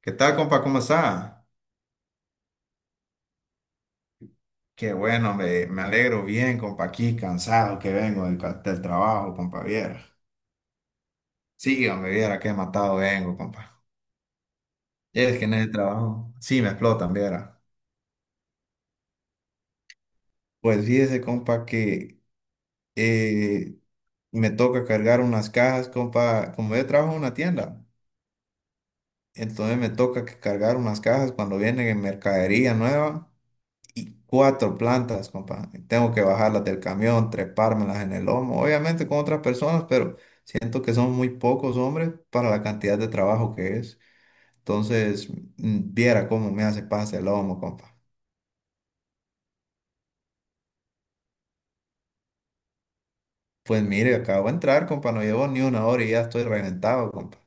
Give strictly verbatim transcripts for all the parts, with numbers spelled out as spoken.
¿Qué tal, compa? ¿Cómo está? Qué bueno, me, me alegro bien, compa, aquí cansado que vengo del, ca- del trabajo, compa, viera. Sí, hombre, viera qué matado vengo, compa. Es que en el trabajo, sí, me explotan, viera. Pues fíjese, compa, que eh, me toca cargar unas cajas, compa, como yo trabajo en una tienda, entonces me toca que cargar unas cajas cuando viene mercadería nueva. Y cuatro plantas, compa. Tengo que bajarlas del camión, trepármelas en el lomo, obviamente con otras personas, pero siento que son muy pocos hombres para la cantidad de trabajo que es. Entonces, mm, viera cómo me hace pase el lomo, compa. Pues mire, acabo de entrar, compa, no llevo ni una hora y ya estoy reventado, compa.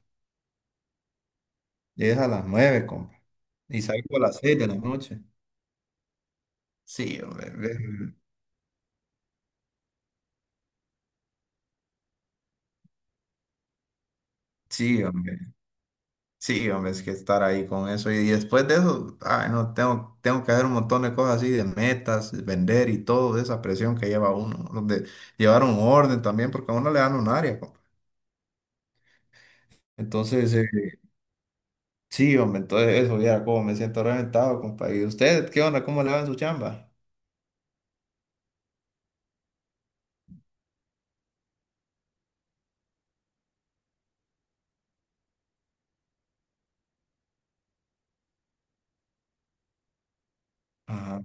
Llegues a las nueve, compa. Y salgo a las seis de la noche. Sí, hombre. ve- Sí, hombre. Sí, hombre, es que estar ahí con eso. Y después de eso, ay, no, tengo, tengo que hacer un montón de cosas así, de metas, vender y todo, esa presión que lleva uno, ¿no? De llevar un orden también, porque a uno le dan un área, compa. Entonces, eh, sí, hombre, entonces eso, ya como me siento reventado, compa. ¿Y usted qué onda? ¿Cómo le va en su chamba? Ajá.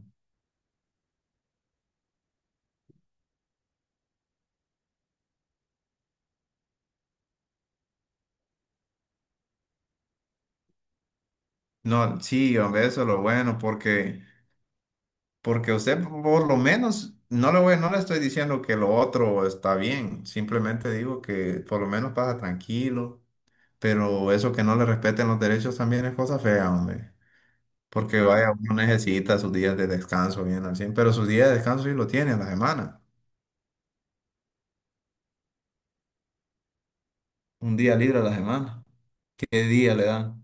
No, sí, hombre, eso es lo bueno, porque, porque usted por lo menos, no le voy, no le estoy diciendo que lo otro está bien, simplemente digo que por lo menos pasa tranquilo. Pero eso que no le respeten los derechos también es cosa fea, hombre. Porque vaya, uno necesita sus días de descanso bien al cien, pero sus días de descanso sí lo tiene a la semana. Un día libre a la semana. ¿Qué día le dan?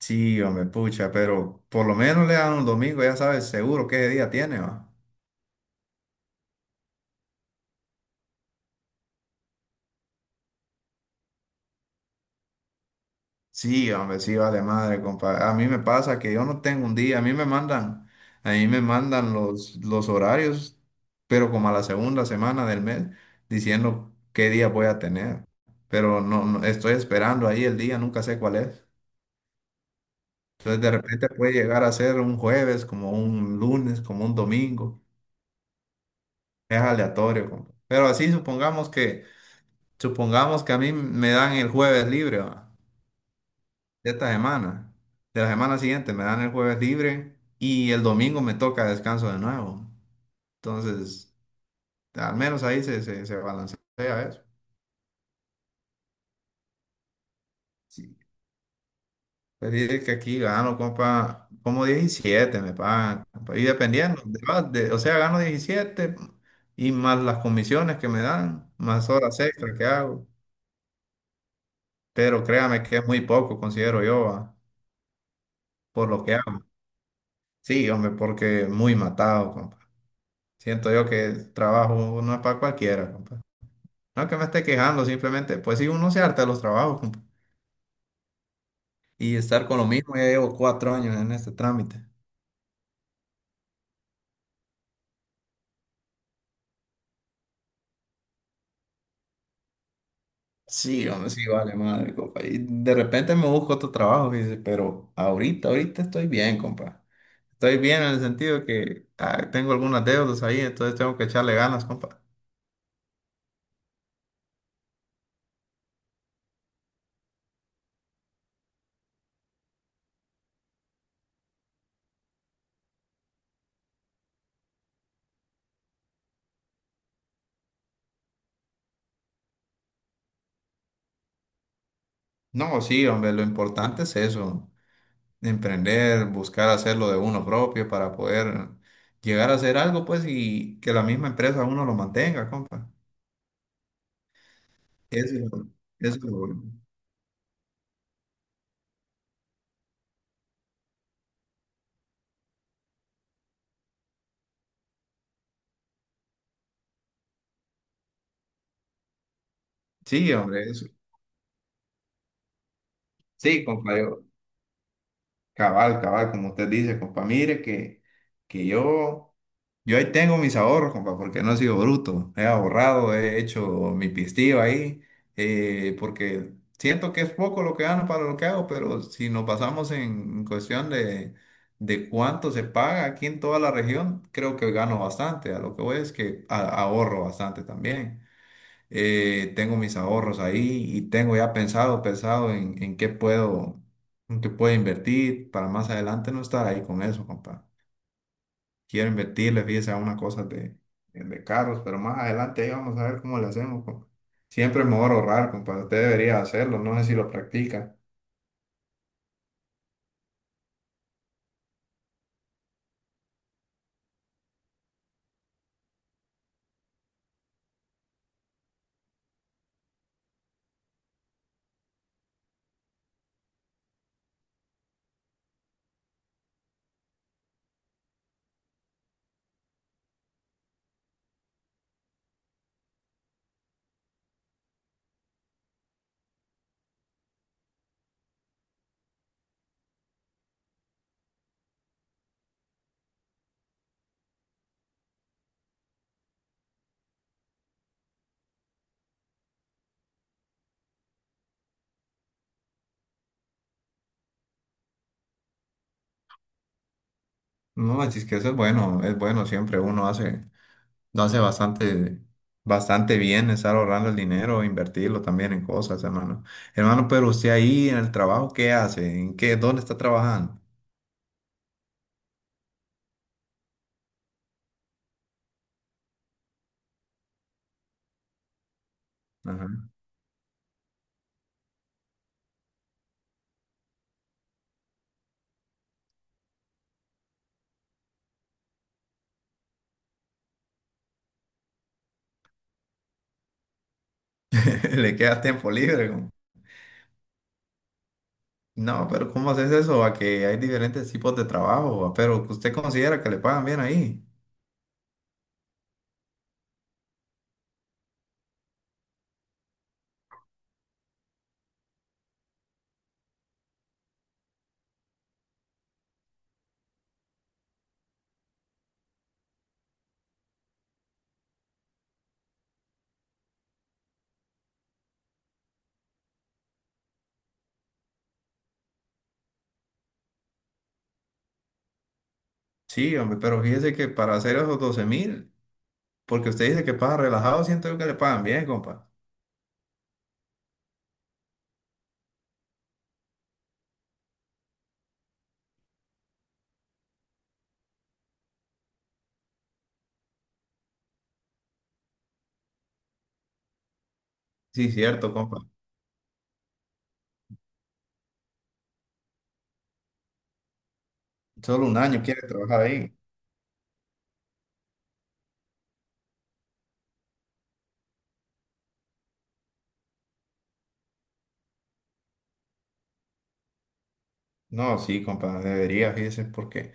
Sí, hombre, pucha, pero por lo menos le dan un domingo, ya sabes seguro qué día tiene, va. Sí, hombre, sí, vale madre, compadre. A mí me pasa que yo no tengo un día, a mí me mandan, a mí me mandan los, los horarios, pero como a la segunda semana del mes, diciendo qué día voy a tener. Pero no, no, estoy esperando ahí el día, nunca sé cuál es. Entonces de repente puede llegar a ser un jueves, como un lunes, como un domingo. Es aleatorio, compa. Pero así supongamos que, supongamos que a mí me dan el jueves libre, ¿va? De esta semana. De la semana siguiente me dan el jueves libre y el domingo me toca descanso de nuevo. Entonces, al menos ahí se, se, se balancea eso. Sí. Pues dice que aquí gano, compa, como diecisiete me pagan, compa, y dependiendo, de va- de- o sea, gano diecisiete y más las comisiones que me dan, más horas extra que hago. Pero créame que es muy poco, considero yo, va, por lo que hago. Sí, hombre, porque muy matado, compa. Siento yo que el trabajo no es para cualquiera, compa. No que me esté quejando, simplemente, pues sí, uno se harta de los trabajos, compa. Y estar con lo mismo, ya llevo cuatro años en este trámite. Sí, hombre, sí, vale, madre, compa. Y de repente me busco otro trabajo, fíjese, pero ahorita, ahorita estoy bien, compa. Estoy bien en el sentido que ah, tengo algunas deudas ahí, entonces tengo que echarle ganas, compa. No, sí, hombre, lo importante es eso, emprender, buscar hacerlo de uno propio para poder llegar a hacer algo, pues, y que la misma empresa uno lo mantenga, compa. Eso es lo, Eso es lo bueno. Sí, hombre, eso. Sí, compa, yo- Cabal, cabal, como usted dice, compa, mire que, que yo, yo ahí tengo mis ahorros, compa, porque no he sido bruto. He ahorrado, he hecho mi pistillo ahí, eh, porque siento que es poco lo que gano para lo que hago, pero si nos basamos en cuestión de, de cuánto se paga aquí en toda la región, creo que gano bastante. A lo que voy es que a- ahorro bastante también. Eh, tengo mis ahorros ahí y tengo ya pensado, pensado en, en qué puedo, en qué puedo invertir para más adelante no estar ahí con eso, compa. Quiero invertirle, fíjese, a unas cosas de, de carros, pero más adelante ahí vamos a ver cómo le hacemos, compa. Siempre es mejor ahorrar, compa. Usted debería hacerlo, no sé si lo practica. No, así es que eso es bueno, es bueno, siempre uno hace. Lo hace bastante, bastante bien estar ahorrando el dinero, invertirlo también en cosas, hermano. Hermano, pero usted ahí en el trabajo, ¿qué hace? ¿En qué? ¿Dónde está trabajando? Ajá. ¿Le queda tiempo libre? Como, no, pero ¿cómo haces eso? A que hay diferentes tipos de trabajo, ¿va? Pero que usted considera que le pagan bien ahí. Sí, hombre, pero fíjese que para hacer esos doce mil, porque usted dice que paga relajado, siento yo que le pagan bien, compa. Sí, cierto, compa. ¿Solo un año quiere trabajar ahí? No, sí, compa, debería, fíjese, porque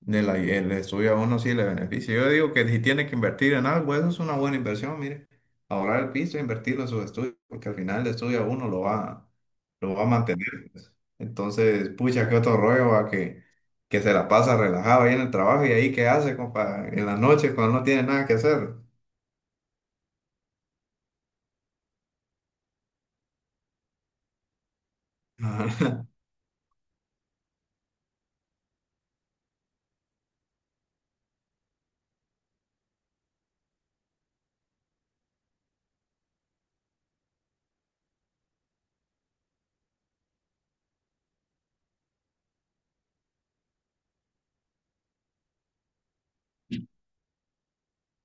de la, el estudio a uno sí le beneficia. Yo digo que si tiene que invertir en algo, eso es una buena inversión, mire. Ahorrar el piso e invertirlo en sus estudios, porque al final el estudio a uno lo va, lo va a mantener, pues. Entonces, pucha, qué otro rollo a que, que se la pasa relajado ahí en el trabajo y ahí qué hace, compa, en la noche cuando no tiene nada que hacer. Ajá.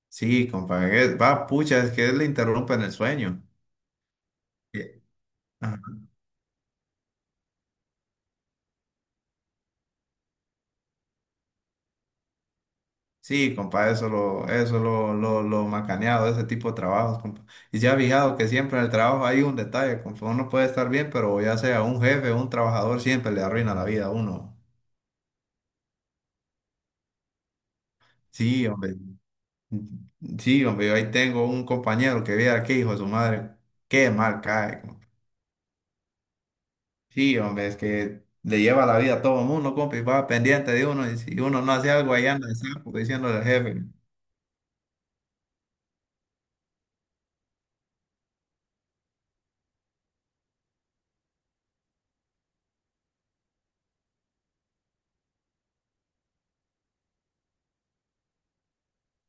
Sí, compa, es- va, pucha, es que le interrumpen el sueño. Sí. Sí, compa, eso lo, eso lo, lo, lo macaneado de ese tipo de trabajos, compa. Y ya ha fijado que siempre en el trabajo hay un detalle, compa. Uno puede estar bien, pero ya sea un jefe o un trabajador, siempre le arruina la vida a uno. Sí, hombre. Sí, hombre, yo ahí tengo un compañero que viera que hijo de su madre, qué mal cae, compa. Sí, hombre, es que le lleva la vida a todo el mundo, compa, y va pendiente de uno, y si uno no hace algo, ahí anda de sapo diciéndole al jefe.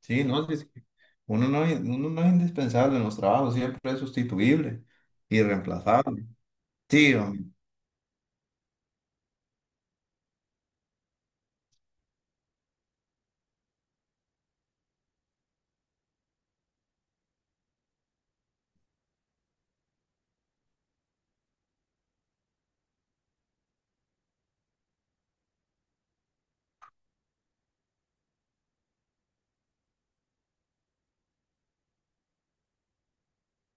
Sí, no, sí, sí. Uno no, es- uno no es indispensable en los trabajos, siempre es sustituible y reemplazable. Sí, hombre,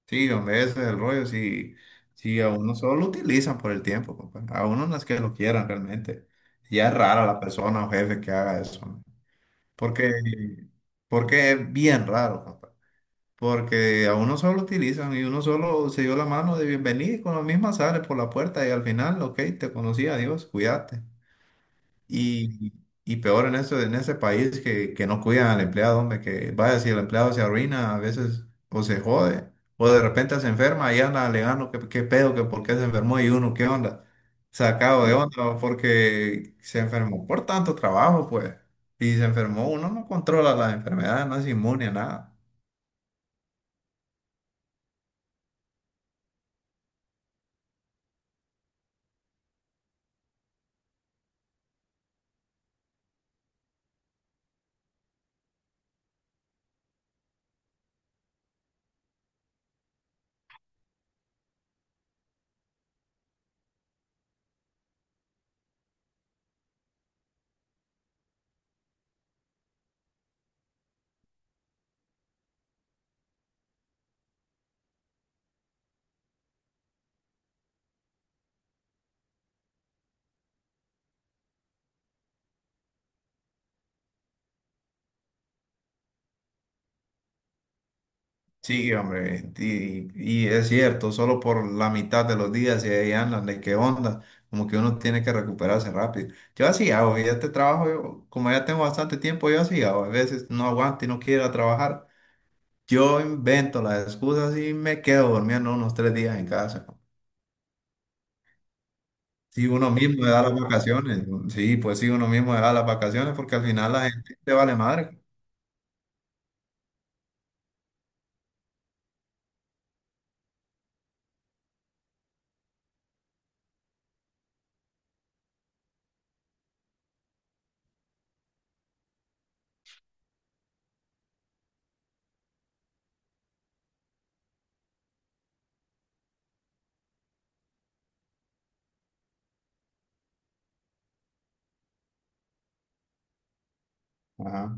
sí, hombre, ese es el rollo, sí, sí, a uno solo lo utilizan por el tiempo, compa. A uno no es que lo quieran realmente. Ya es rara la persona o jefe que haga eso, hombre. Porque, porque es bien raro, compa. Porque a uno solo lo utilizan y uno solo se dio la mano de bienvenida y con lo mismo sale por la puerta y al final, ok, te conocí, adiós, cuídate. Y, y peor en eso, en ese país que, que no cuidan al empleado, hombre, que vaya, si el empleado se arruina a veces o se jode, o de repente se enferma y anda alegando que qué pedo, que por qué se enfermó y uno, ¿qué onda? Sacado de onda porque se enfermó por tanto trabajo, pues. Y se enfermó, uno no controla las enfermedades, no es inmune a nada. Sí, hombre, y, y es cierto, solo por la mitad de los días y ahí andan, de qué onda, como que uno tiene que recuperarse rápido. Yo así hago, ya este trabajo, yo, como ya tengo bastante tiempo, yo así hago, a veces no aguanto y no quiero ir a trabajar, yo invento las excusas y me quedo durmiendo unos tres días en casa. Si uno mismo le da las vacaciones, ¿no? Sí, pues sí, uno mismo le da las vacaciones porque al final la gente te vale madre. Ajá.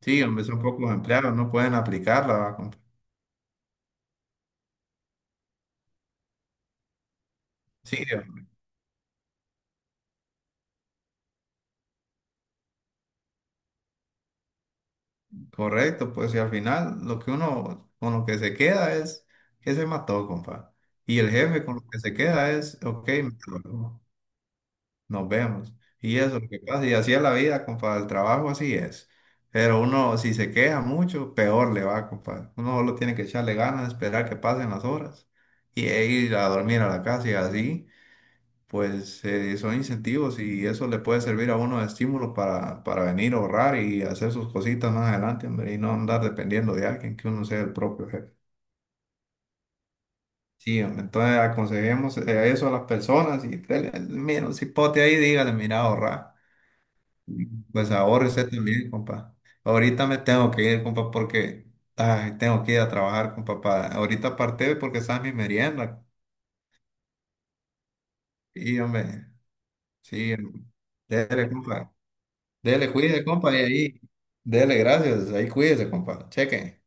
Sí, hombre, son pocos empleados, no pueden aplicarla, va, compa. Sí, correcto, pues y al final lo que uno con lo que se queda es que se mató, compa. Y el jefe con lo que se queda es, ok, me tocó, nos vemos. Y eso es lo que pasa. Y así es la vida, compa. El trabajo así es. Pero uno, si se queja mucho, peor le va, compa. Uno solo tiene que echarle ganas, esperar que pasen las horas y e ir a dormir a la casa y así pues eh, son incentivos y eso le puede servir a uno de estímulo para, para venir a ahorrar y hacer sus cositas más adelante, hombre, y no andar dependiendo de alguien, que uno sea el propio jefe. Sí, hombre, entonces aconsejemos eh, eso a las personas y dele, mira, un cipote ahí, dígale, mira, ahorrar. Pues ahorre usted también, compa. Ahorita me tengo que ir, compa, porque ay, tengo que ir a trabajar, compa. pa- Ahorita parte porque está mi merienda. Y, hombre, sí, dele, compa. Dele, cuídese, compa, y ahí. Dele, gracias. Ahí cuídese, compa. Cheque.